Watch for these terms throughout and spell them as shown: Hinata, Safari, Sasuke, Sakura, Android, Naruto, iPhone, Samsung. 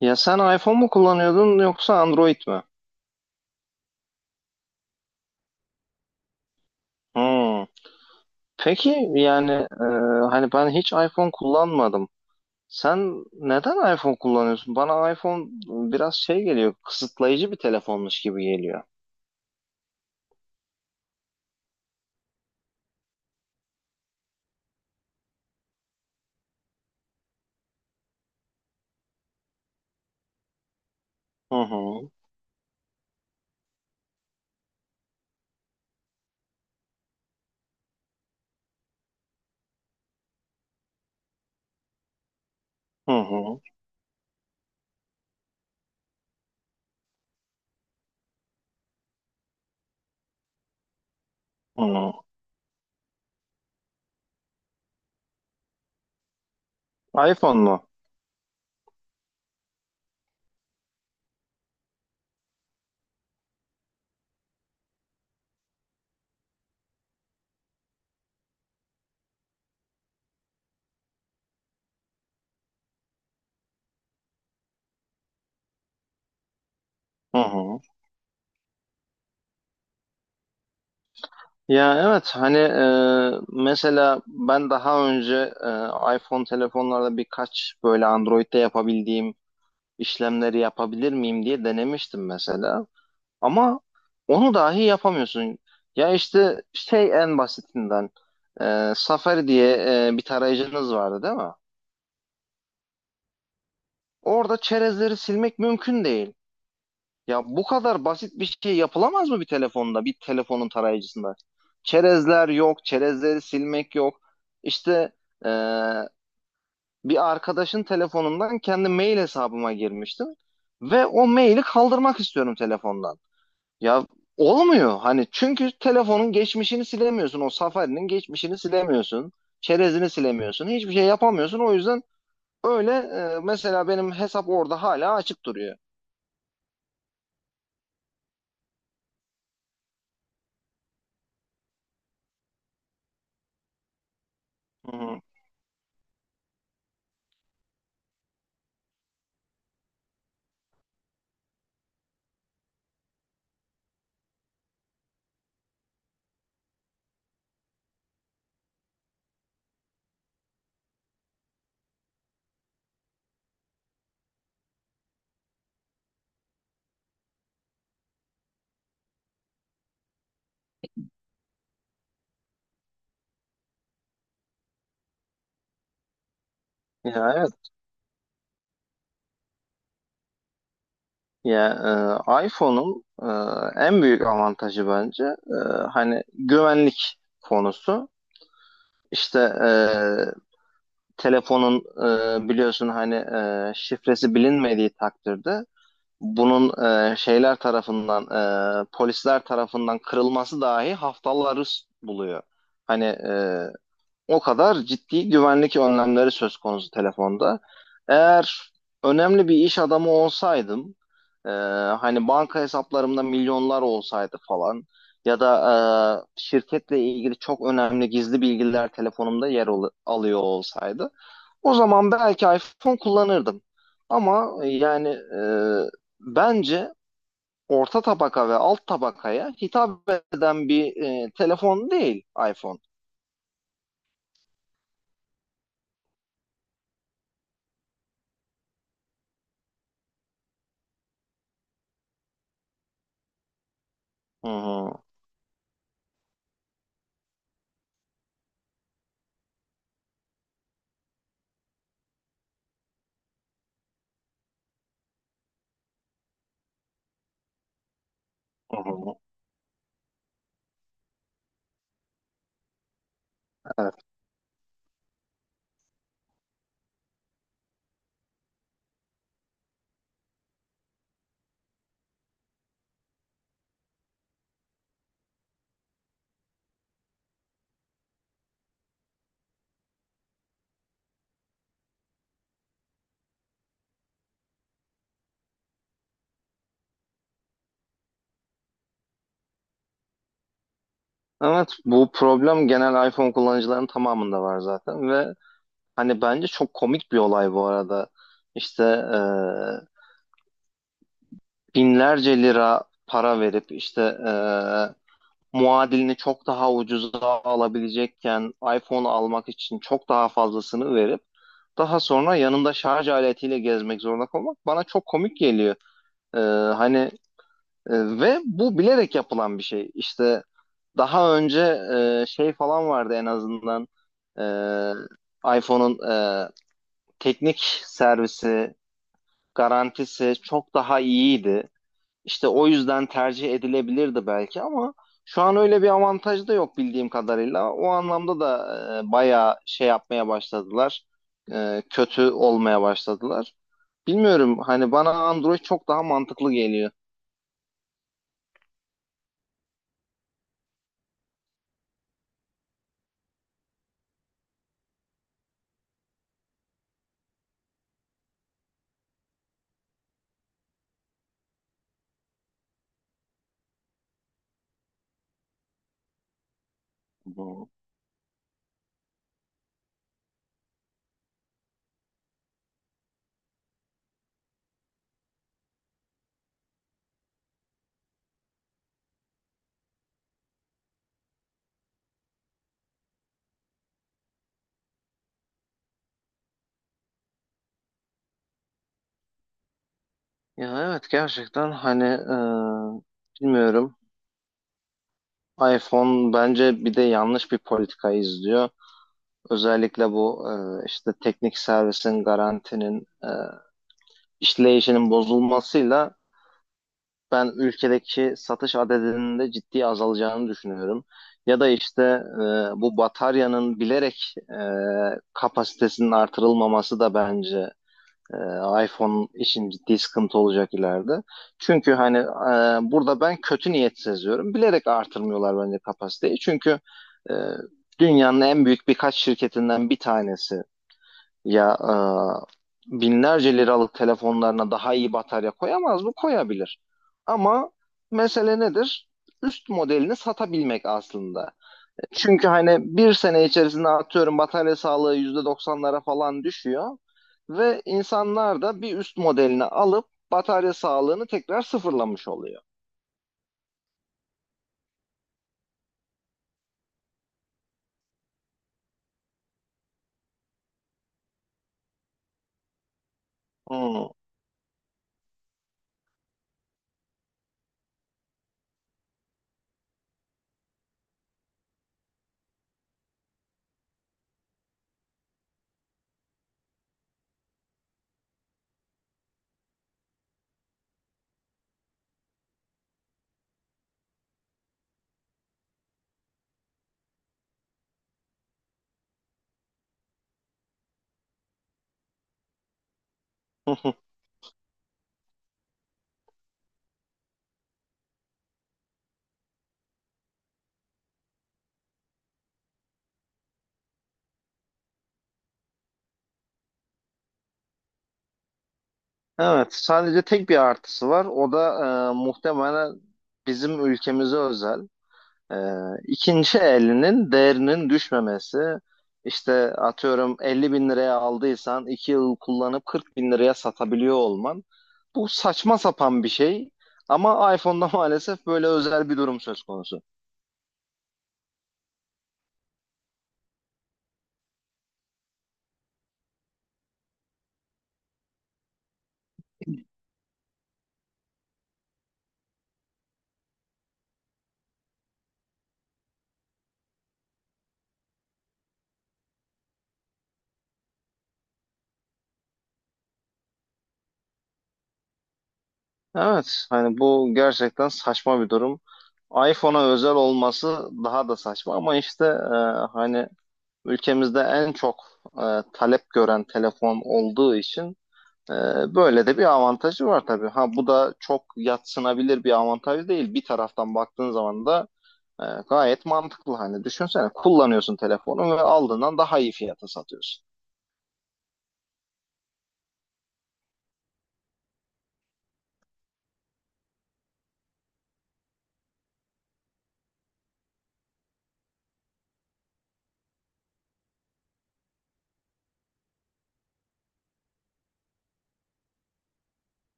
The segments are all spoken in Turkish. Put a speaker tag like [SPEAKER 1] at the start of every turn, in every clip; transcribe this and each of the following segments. [SPEAKER 1] Ya sen iPhone mu kullanıyordun yoksa Android mi? Hmm. Peki yani e, hani ben hiç iPhone kullanmadım. Sen neden iPhone kullanıyorsun? Bana iPhone biraz şey geliyor, kısıtlayıcı bir telefonmuş gibi geliyor. Hı hı, hı hı, hı. iPhone mu? Hı hı. Ya evet mesela ben daha önce iPhone telefonlarda birkaç böyle Android'de yapabildiğim işlemleri yapabilir miyim diye denemiştim mesela. Ama onu dahi yapamıyorsun. Ya işte şey en basitinden Safari diye bir tarayıcınız vardı değil mi? Orada çerezleri silmek mümkün değil. Ya bu kadar basit bir şey yapılamaz mı bir telefonda, bir telefonun tarayıcısında? Çerezler yok, çerezleri silmek yok. İşte e, bir arkadaşın telefonundan kendi mail hesabıma girmiştim ve o maili kaldırmak istiyorum telefondan. Ya olmuyor. Hani çünkü telefonun geçmişini silemiyorsun. O Safari'nin geçmişini silemiyorsun. Çerezini silemiyorsun. Hiçbir şey yapamıyorsun. O yüzden öyle, mesela benim hesap orada hala açık duruyor. Hı. Hı. Ya evet. Ya, iPhone'un, en büyük avantajı bence, hani güvenlik konusu. İşte telefonun, biliyorsun hani, şifresi bilinmediği takdirde bunun, şeyler tarafından, polisler tarafından kırılması dahi haftaları buluyor. Hani, o kadar ciddi güvenlik önlemleri söz konusu telefonda. Eğer önemli bir iş adamı olsaydım, e, hani banka hesaplarımda milyonlar olsaydı falan ya da şirketle ilgili çok önemli gizli bilgiler telefonumda alıyor olsaydı o zaman belki iPhone kullanırdım. Ama yani, bence orta tabaka ve alt tabakaya hitap eden bir, telefon değil iPhone. Hı hı, hı hı. Evet. Evet, bu problem genel iPhone kullanıcıların tamamında var zaten ve hani bence çok komik bir olay bu arada. İşte binlerce lira para verip işte, e, muadilini çok daha ucuza alabilecekken iPhone almak için çok daha fazlasını verip daha sonra yanında şarj aletiyle gezmek zorunda kalmak bana çok komik geliyor. Ee, hani e, ve bu bilerek yapılan bir şey. İşte daha önce şey falan vardı en azından, iPhone'un, e, teknik servisi, garantisi çok daha iyiydi. İşte o yüzden tercih edilebilirdi belki ama şu an öyle bir avantaj da yok bildiğim kadarıyla. O anlamda da bayağı şey yapmaya başladılar. Kötü olmaya başladılar. Bilmiyorum, hani bana Android çok daha mantıklı geliyor. Bu- Ya evet, gerçekten hani, bilmiyorum. iPhone bence bir de yanlış bir politika izliyor. Özellikle bu, işte teknik servisin garantinin, işleyişinin bozulmasıyla ben ülkedeki satış adedinin de ciddi azalacağını düşünüyorum. Ya da işte, bu bataryanın bilerek, kapasitesinin artırılmaması da bence, e, iPhone için ciddi sıkıntı olacak ileride. Çünkü, burada ben kötü niyet seziyorum. Bilerek artırmıyorlar bence kapasiteyi. Çünkü, e, dünyanın en büyük birkaç şirketinden bir tanesi ya, binlerce liralık telefonlarına daha iyi batarya koyamaz mı? Koyabilir. Ama mesele nedir? Üst modelini satabilmek aslında. Çünkü hani bir sene içerisinde atıyorum batarya sağlığı yüzde doksanlara falan düşüyor. Ve insanlar da bir üst modelini alıp batarya sağlığını tekrar sıfırlamış oluyor. Hmm. Evet, sadece tek bir artısı var. O da muhtemelen bizim ülkemize özel. Ee, ikinci elinin değerinin düşmemesi. İşte atıyorum 50 bin liraya aldıysan 2 yıl kullanıp 40 bin liraya satabiliyor olman. Bu saçma sapan bir şey ama iPhone'da maalesef böyle özel bir durum söz konusu. Evet, hani bu gerçekten saçma bir durum. iPhone'a özel olması daha da saçma ama işte, hani ülkemizde en çok, e, talep gören telefon olduğu için. Böyle de bir avantajı var tabii. Ha bu da çok yatsınabilir bir avantaj değil. Bir taraftan baktığın zaman da, gayet mantıklı. Hani düşünsene, kullanıyorsun telefonu ve aldığından daha iyi fiyata satıyorsun.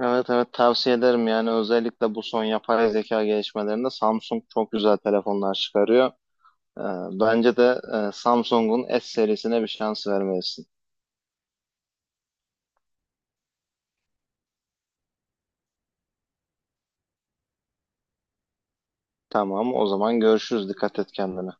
[SPEAKER 1] Evet evet, tavsiye ederim yani. Özellikle bu son yapay zeka gelişmelerinde Samsung çok güzel telefonlar çıkarıyor. Ee, Bence de Samsung'un S serisine bir şans vermelisin. Tamam, o zaman görüşürüz. Dikkat et kendine.